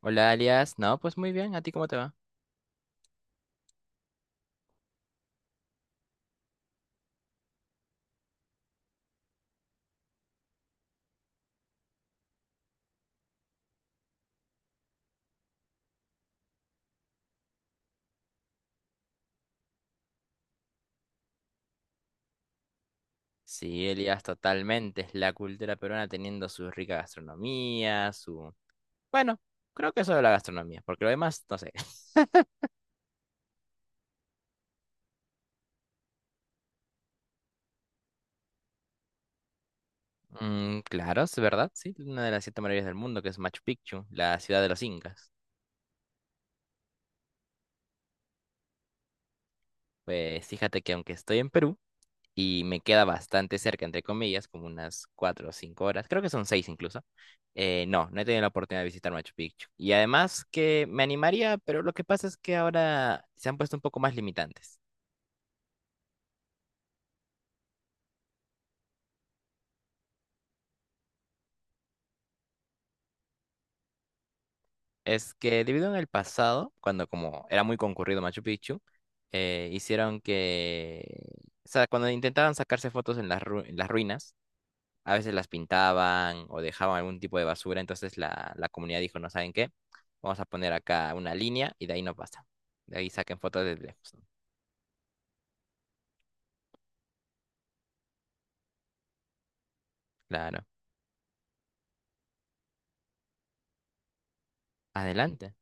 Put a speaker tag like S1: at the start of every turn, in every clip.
S1: Hola, Elias. No, pues muy bien. ¿A ti cómo te va? Sí, Elias, totalmente. Es la cultura peruana teniendo su rica gastronomía, su... Bueno, creo que eso de la gastronomía, porque lo demás, no sé. Claro, es verdad, sí. Una de las siete maravillas del mundo, que es Machu Picchu, la ciudad de los incas. Pues fíjate que aunque estoy en Perú, y me queda bastante cerca, entre comillas, como unas cuatro o cinco horas, creo que son seis incluso. No, no he tenido la oportunidad de visitar Machu Picchu. Y además que me animaría, pero lo que pasa es que ahora se han puesto un poco más limitantes. Es que debido en el pasado, cuando como era muy concurrido Machu Picchu, hicieron que, o sea, cuando intentaban sacarse fotos en las, en las ruinas, a veces las pintaban o dejaban algún tipo de basura, entonces la comunidad dijo, no saben qué, vamos a poner acá una línea y de ahí no pasa. De ahí saquen fotos desde lejos. Claro. Adelante.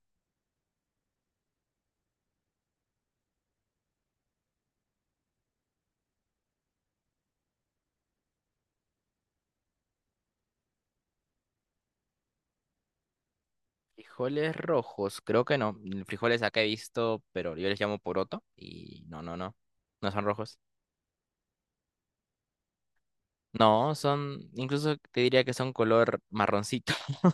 S1: Frijoles rojos, creo que no. Frijoles acá he visto, pero yo les llamo poroto y no, no, no. No son rojos. No, son, incluso te diría que son color marroncito.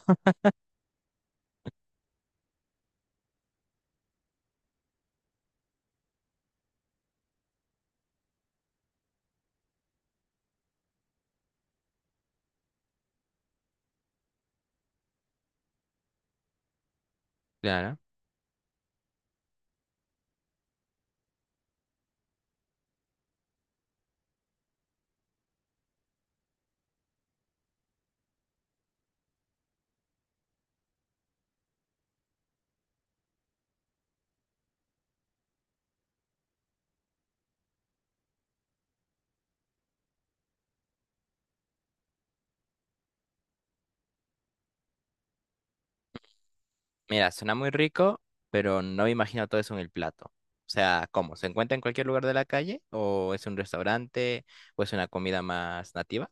S1: Claro. Mira, suena muy rico, pero no me imagino todo eso en el plato. O sea, ¿cómo? ¿Se encuentra en cualquier lugar de la calle? ¿O es un restaurante? ¿O es una comida más nativa?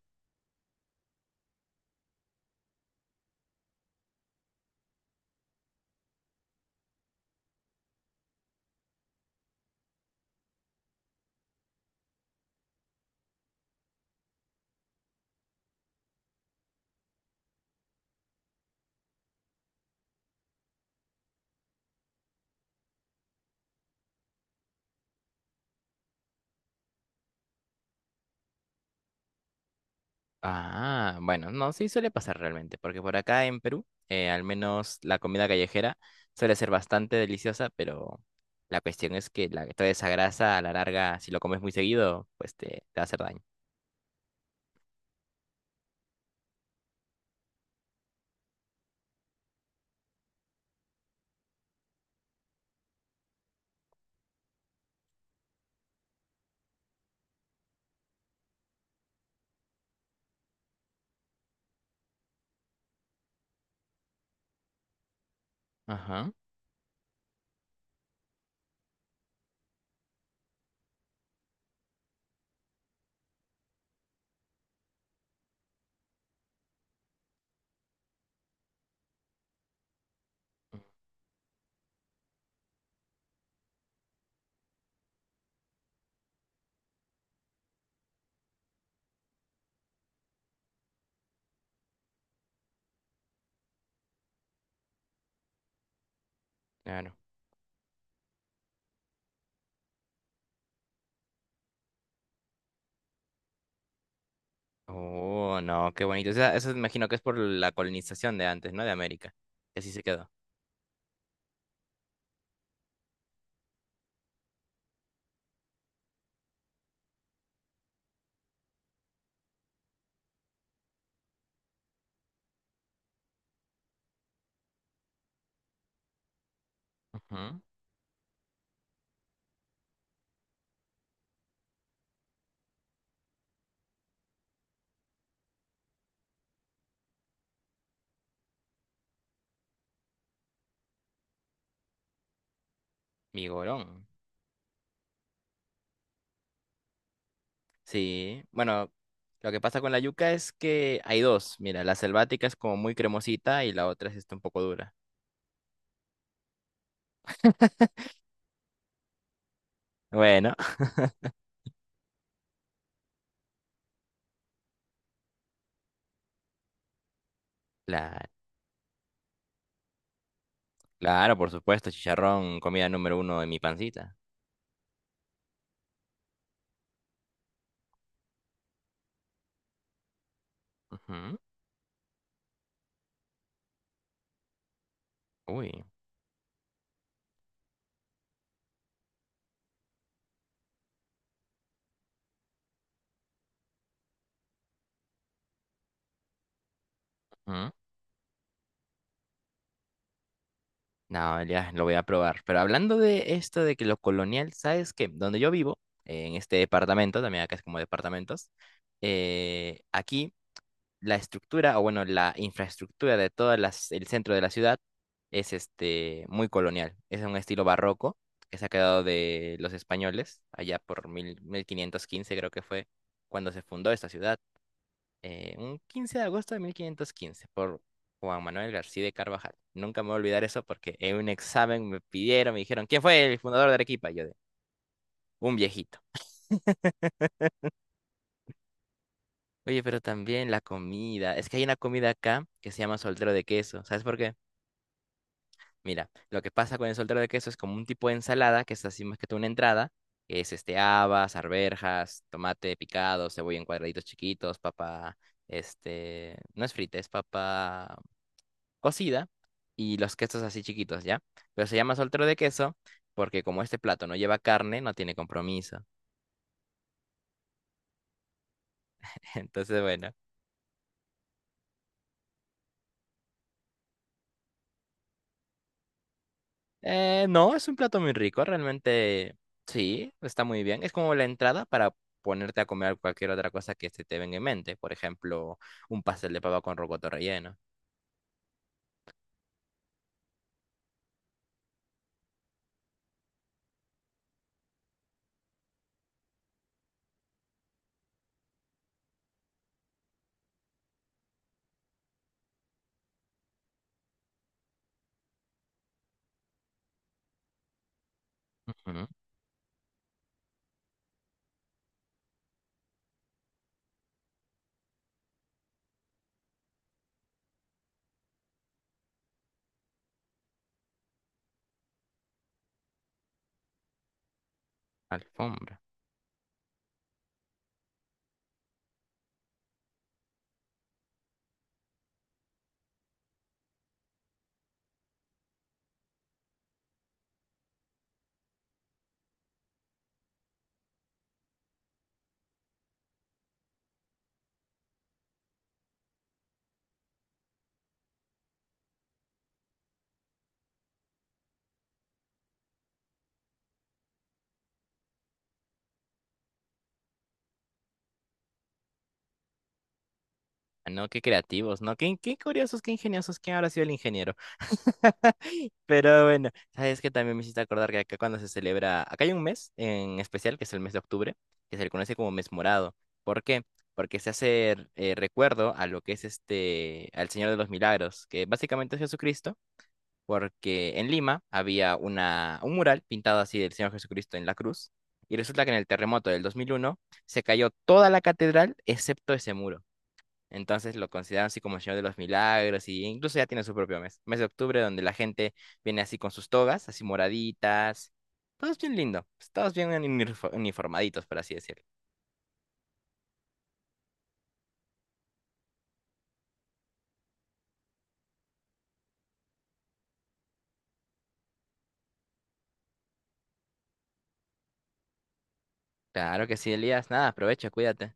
S1: Ah, bueno, no, sí suele pasar realmente, porque por acá en Perú, al menos la comida callejera suele ser bastante deliciosa, pero la cuestión es que la, toda esa grasa a la larga, si lo comes muy seguido, pues te va a hacer daño. Ajá, claro. Oh, no, qué bonito. O sea, eso imagino que es por la colonización de antes, ¿no? De América. Que así se quedó. Ujú. Migorón. Sí, bueno, lo que pasa con la yuca es que hay dos. Mira, la selvática es como muy cremosita y la otra es esta un poco dura. Bueno, la, claro, por supuesto, chicharrón, comida número uno de mi pancita. Ujú. Uy. Ujú. No, ya lo voy a probar. Pero hablando de esto de que lo colonial, ¿sabes qué? Donde yo vivo, en este departamento, también acá es como departamentos, aquí. La estructura, o bueno, la infraestructura de todo el centro de la ciudad es este, muy colonial. Es un estilo barroco que se ha quedado de los españoles, allá por 1515 creo que fue cuando se fundó esta ciudad, un 15 de agosto de 1515, por Juan Manuel García de Carvajal. Nunca me voy a olvidar eso porque en un examen me pidieron, me dijeron, ¿quién fue el fundador de Arequipa? Y yo de, un viejito. Oye, pero también la comida. Es que hay una comida acá que se llama soltero de queso. ¿Sabes por qué? Mira, lo que pasa con el soltero de queso es como un tipo de ensalada, que es así más que todo una entrada, que es este habas, arvejas, tomate picado, cebolla en cuadraditos chiquitos, papa, este, no es frita, es papa cocida y los quesos así chiquitos, ¿ya? Pero se llama soltero de queso porque como este plato no lleva carne, no tiene compromiso. Entonces, bueno. No, es un plato muy rico, realmente sí, está muy bien. Es como la entrada para ponerte a comer cualquier otra cosa que se te venga en mente. Por ejemplo, un pastel de papa con rocoto relleno. Ujú. Alfombra. No, qué creativos, ¿no? Qué, qué curiosos, qué ingeniosos. ¿Quién habrá sido el ingeniero? Pero bueno, sabes que también me hiciste acordar que acá cuando se celebra, acá hay un mes en especial, que es el mes de octubre, que se le conoce como mes morado. ¿Por qué? Porque se hace recuerdo a lo que es este, al Señor de los Milagros, que básicamente es Jesucristo, porque en Lima había una, un mural pintado así del Señor Jesucristo en la cruz, y resulta que en el terremoto del 2001 se cayó toda la catedral excepto ese muro. Entonces lo consideran así como el Señor de los Milagros y incluso ya tiene su propio mes, mes de octubre donde la gente viene así con sus togas, así moraditas, todos bien lindo, pues, todos bien uniformaditos, por así decirlo. Claro que sí, Elías, nada, aprovecha, cuídate.